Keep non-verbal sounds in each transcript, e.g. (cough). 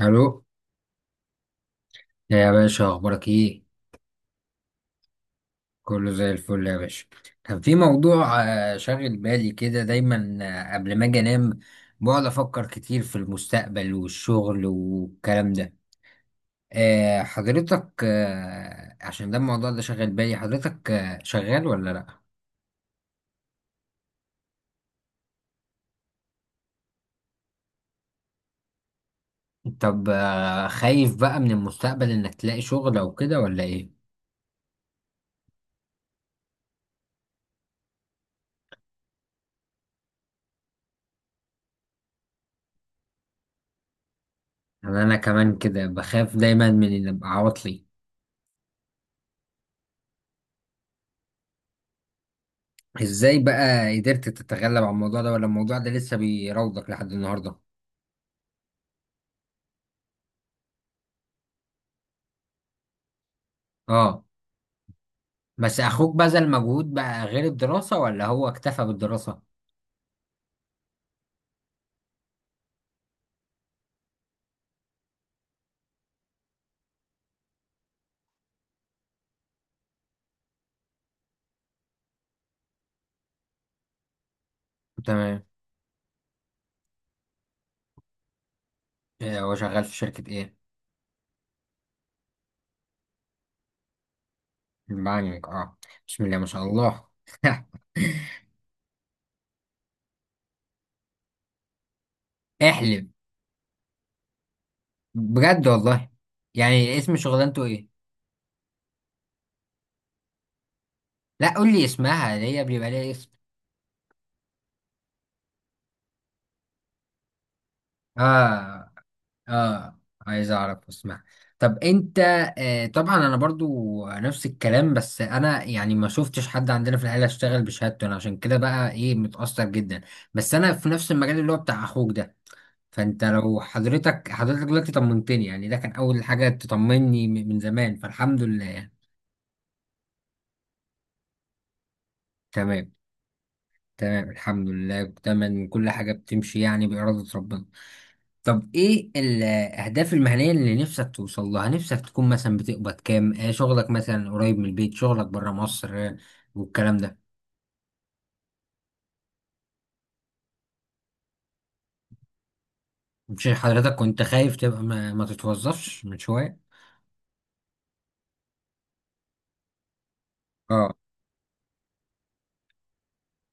الو، يا باشا، اخبارك ايه؟ كله زي الفل يا باشا. كان في موضوع شاغل بالي كده دايما، قبل ما اجي انام. بقعد افكر كتير في المستقبل والشغل والكلام ده. حضرتك، عشان ده الموضوع ده شاغل بالي حضرتك، شغال ولا لا؟ طب، خايف بقى من المستقبل انك تلاقي شغل او كده ولا ايه؟ انا كمان كده بخاف دايما من ان ابقى عواطلي. ازاي بقى قدرت تتغلب على الموضوع ده، ولا الموضوع ده لسه بيراودك لحد النهارده؟ اه. بس اخوك بذل مجهود بقى غير الدراسة، ولا هو اكتفى بالدراسة؟ تمام. هو شغال في شركة ايه؟ بانك، اه. بسم الله ما شاء الله. (laughs) احلم، بجد والله. يعني اسم شغلانته ايه؟ لا، قول لي اسمها، اللي هي بيبقى ليها اسم. اه، اه، عايز اعرف واسمع. طب انت، طبعا انا برضو نفس الكلام، بس انا يعني ما شفتش حد عندنا في العيله اشتغل بشهادته، انا عشان كده بقى ايه متاثر جدا. بس انا في نفس المجال اللي هو بتاع اخوك ده. فانت لو حضرتك دلوقتي طمنتني، يعني ده كان اول حاجه تطمني من زمان، فالحمد لله. تمام. تمام، الحمد لله، تمام، كل حاجه بتمشي يعني باراده ربنا. طب ايه الاهداف المهنيه اللي نفسك توصل لها؟ نفسك تكون مثلا بتقبض كام، شغلك مثلا قريب من البيت، شغلك بره مصر، والكلام ده؟ مش حضرتك كنت خايف تبقى ما تتوظفش من شويه؟ اه،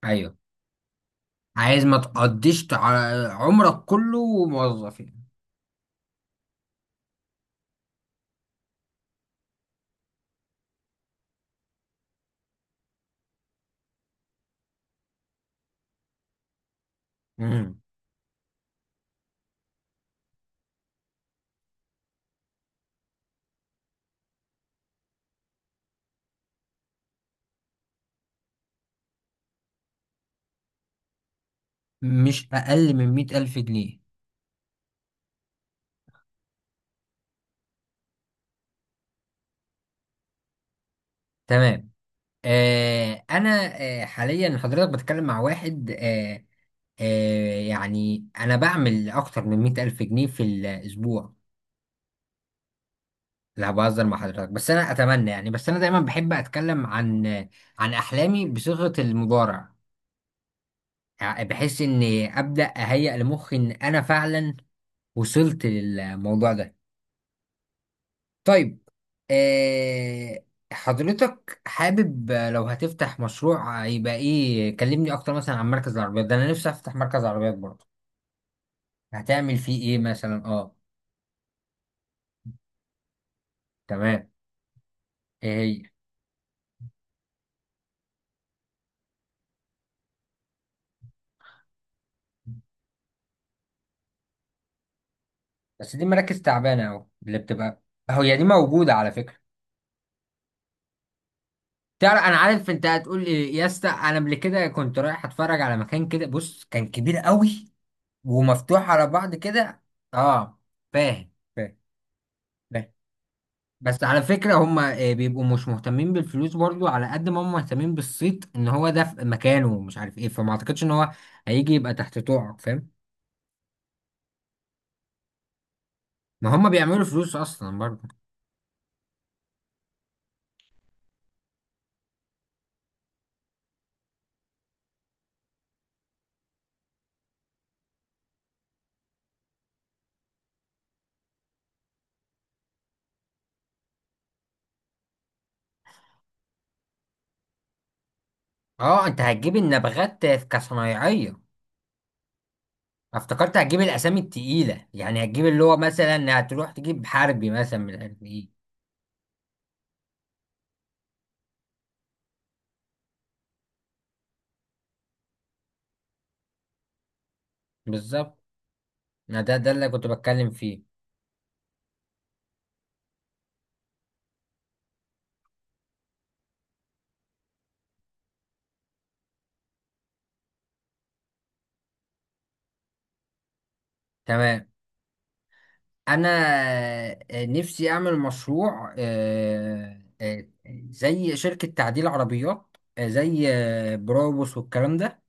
ايوه، عايز ما تقضيش عمرك كله موظف يعني. مم. مش اقل من 100,000 جنيه. تمام. انا، حاليا حضرتك بتكلم مع واحد، يعني انا بعمل اكتر من 100,000 جنيه في الاسبوع. لا، بهزر مع حضرتك، بس انا اتمنى يعني، بس انا دايما بحب اتكلم عن عن احلامي بصيغة المضارع. يعني بحيث اني ابدا اهيئ لمخي ان انا فعلا وصلت للموضوع ده. طيب، آه، حضرتك حابب لو هتفتح مشروع يبقى ايه؟ كلمني اكتر مثلا عن مركز العربيات ده، انا نفسي افتح مركز عربيات برضه. هتعمل فيه ايه مثلا؟ اه، تمام. ايه هي؟ بس دي مراكز تعبانة، اهو اللي بتبقى. هي دي موجودة على فكرة. تعرف انا عارف انت هتقول ايه يا اسطى، انا قبل كده كنت رايح اتفرج على مكان كده، بص، كان كبير قوي ومفتوح على بعض كده. اه، فاهم، فاهم، فاهم. بس على فكره هم بيبقوا مش مهتمين بالفلوس برضو، على قد ما هم مهتمين بالصيت ان هو ده في مكانه ومش عارف ايه، فما اعتقدش ان هو هيجي يبقى تحت طوعك، فاهم. ما هم بيعملوا فلوس اصلا برضو. اه، انت هتجيب النبغات كصنايعيه؟ افتكرت هتجيب الاسامي التقيله، يعني هتجيب اللي هو مثلا، هتروح تجيب حربي مثلا من الحربيين. بالظبط. ما ده اللي كنت بتكلم فيه. تمام. انا نفسي اعمل مشروع زي شركة تعديل عربيات، زي بروبوس والكلام ده.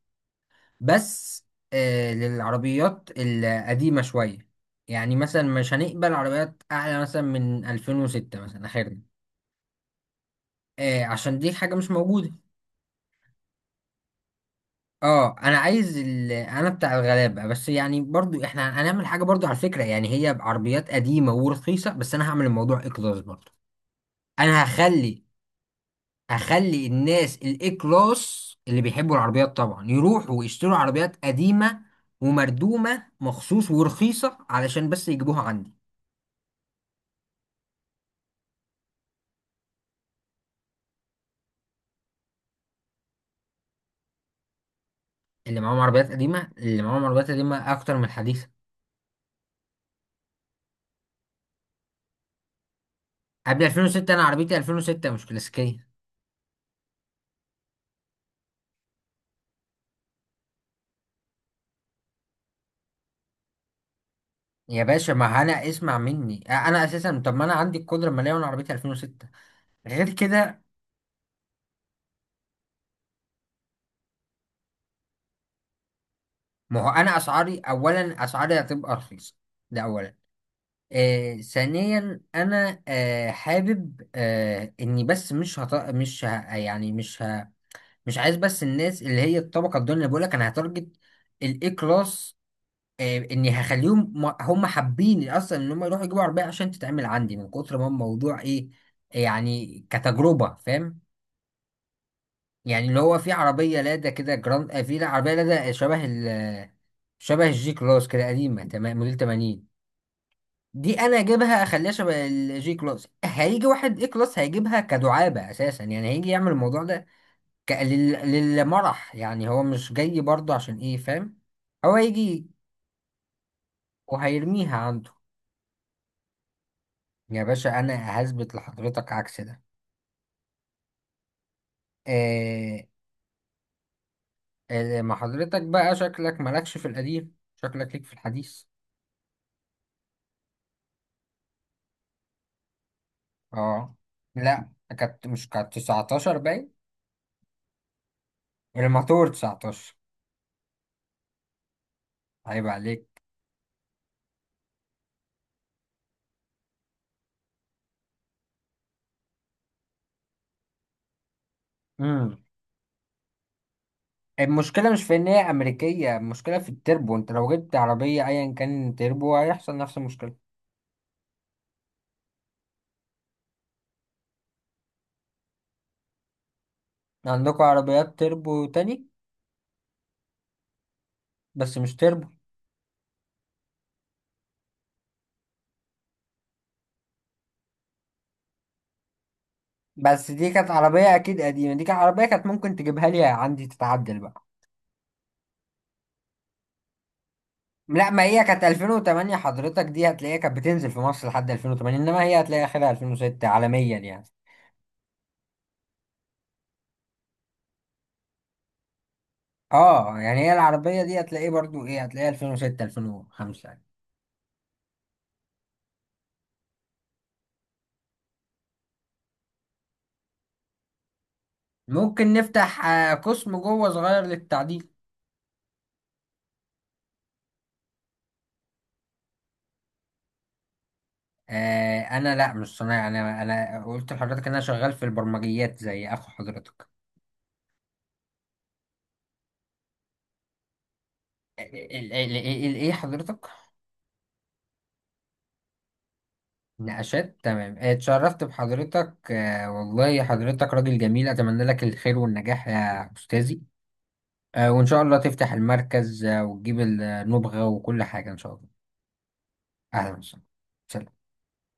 بس للعربيات القديمة شوية. يعني مثلا مش هنقبل عربيات اعلى مثلا من 2006 مثلا اخرنا. عشان دي حاجة مش موجودة. اه، انا عايز انا بتاع الغلابه، بس يعني برضو احنا هنعمل حاجه برضو على فكره، يعني هي بعربيات قديمه ورخيصه، بس انا هعمل الموضوع اي كلاس برضو. انا هخلي الناس الاي كلاس اللي بيحبوا العربيات طبعا يروحوا ويشتروا عربيات قديمه ومردومه مخصوص ورخيصه علشان بس يجيبوها عندي. اللي معاهم عربيات قديمه اكتر من الحديثه. قبل 2006، انا عربيتي 2006 مش كلاسيكيه. يا باشا، ما انا اسمع مني انا اساسا، طب ما انا عندي القدره الماليه وانا عربيتي 2006، غير كده. ما هو انا اسعاري، اولا اسعاري هتبقى رخيصه، ده اولا. ثانيا انا، حابب، اني بس مش هط... مش ه... يعني مش ه... مش عايز بس الناس اللي هي الطبقه الدنيا، اللي بقول لك انا هتارجت الاي كلاس. اني هخليهم، هم حابين اصلا ان هم يروحوا يجيبوا عربيه عشان تتعمل عندي، من كتر ما الموضوع ايه، يعني كتجربه، فاهم. يعني اللي هو في عربية لادا كده جراند افيلا، عربية لادا شبه الجي كلاس كده، قديمة تمام موديل 80. دي انا اجيبها، اخليها شبه الجي كلاس، هيجي واحد اي كلاس هيجيبها كدعابة اساسا، يعني هيجي يعمل الموضوع ده للمرح، يعني هو مش جاي برضه عشان ايه، فاهم. هو هيجي وهيرميها عنده. يا باشا، انا هثبت لحضرتك عكس ده. آه... ما حضرتك بقى شكلك مالكش في القديم، شكلك ليك في الحديث. اه، لا، كانت مش كانت 19 باين. الماتور 19، عيب عليك. امم المشكلة مش في إن هي أمريكية، المشكلة في التربو. أنت لو جبت عربية أيا كان تربو هيحصل نفس المشكلة. عندكم عربيات تربو تاني؟ بس مش تربو. بس دي كانت عربية أكيد قديمة، دي كانت عربية، كانت ممكن تجيبها لي عندي تتعدل بقى. لا، ما هي كانت 2008، حضرتك دي هتلاقيها كانت بتنزل في مصر لحد 2008، إنما هي هتلاقي آخرها 2006 عالميا يعني. اه، يعني هي العربية دي هتلاقيه برضو ايه، هتلاقيه 2006، 2005 يعني. ممكن نفتح قسم جوه صغير للتعديل. انا لا، مش صنايعي، انا قلت لحضرتك ان انا شغال في البرمجيات زي اخو حضرتك. آه، آه، الايه حضرتك؟ نقاشات، تمام. اتشرفت بحضرتك، والله حضرتك راجل جميل، اتمنى لك الخير والنجاح يا استاذي. وان شاء الله تفتح المركز، وتجيب النبغة وكل حاجة ان شاء الله. اهلا وسهلا، سلام.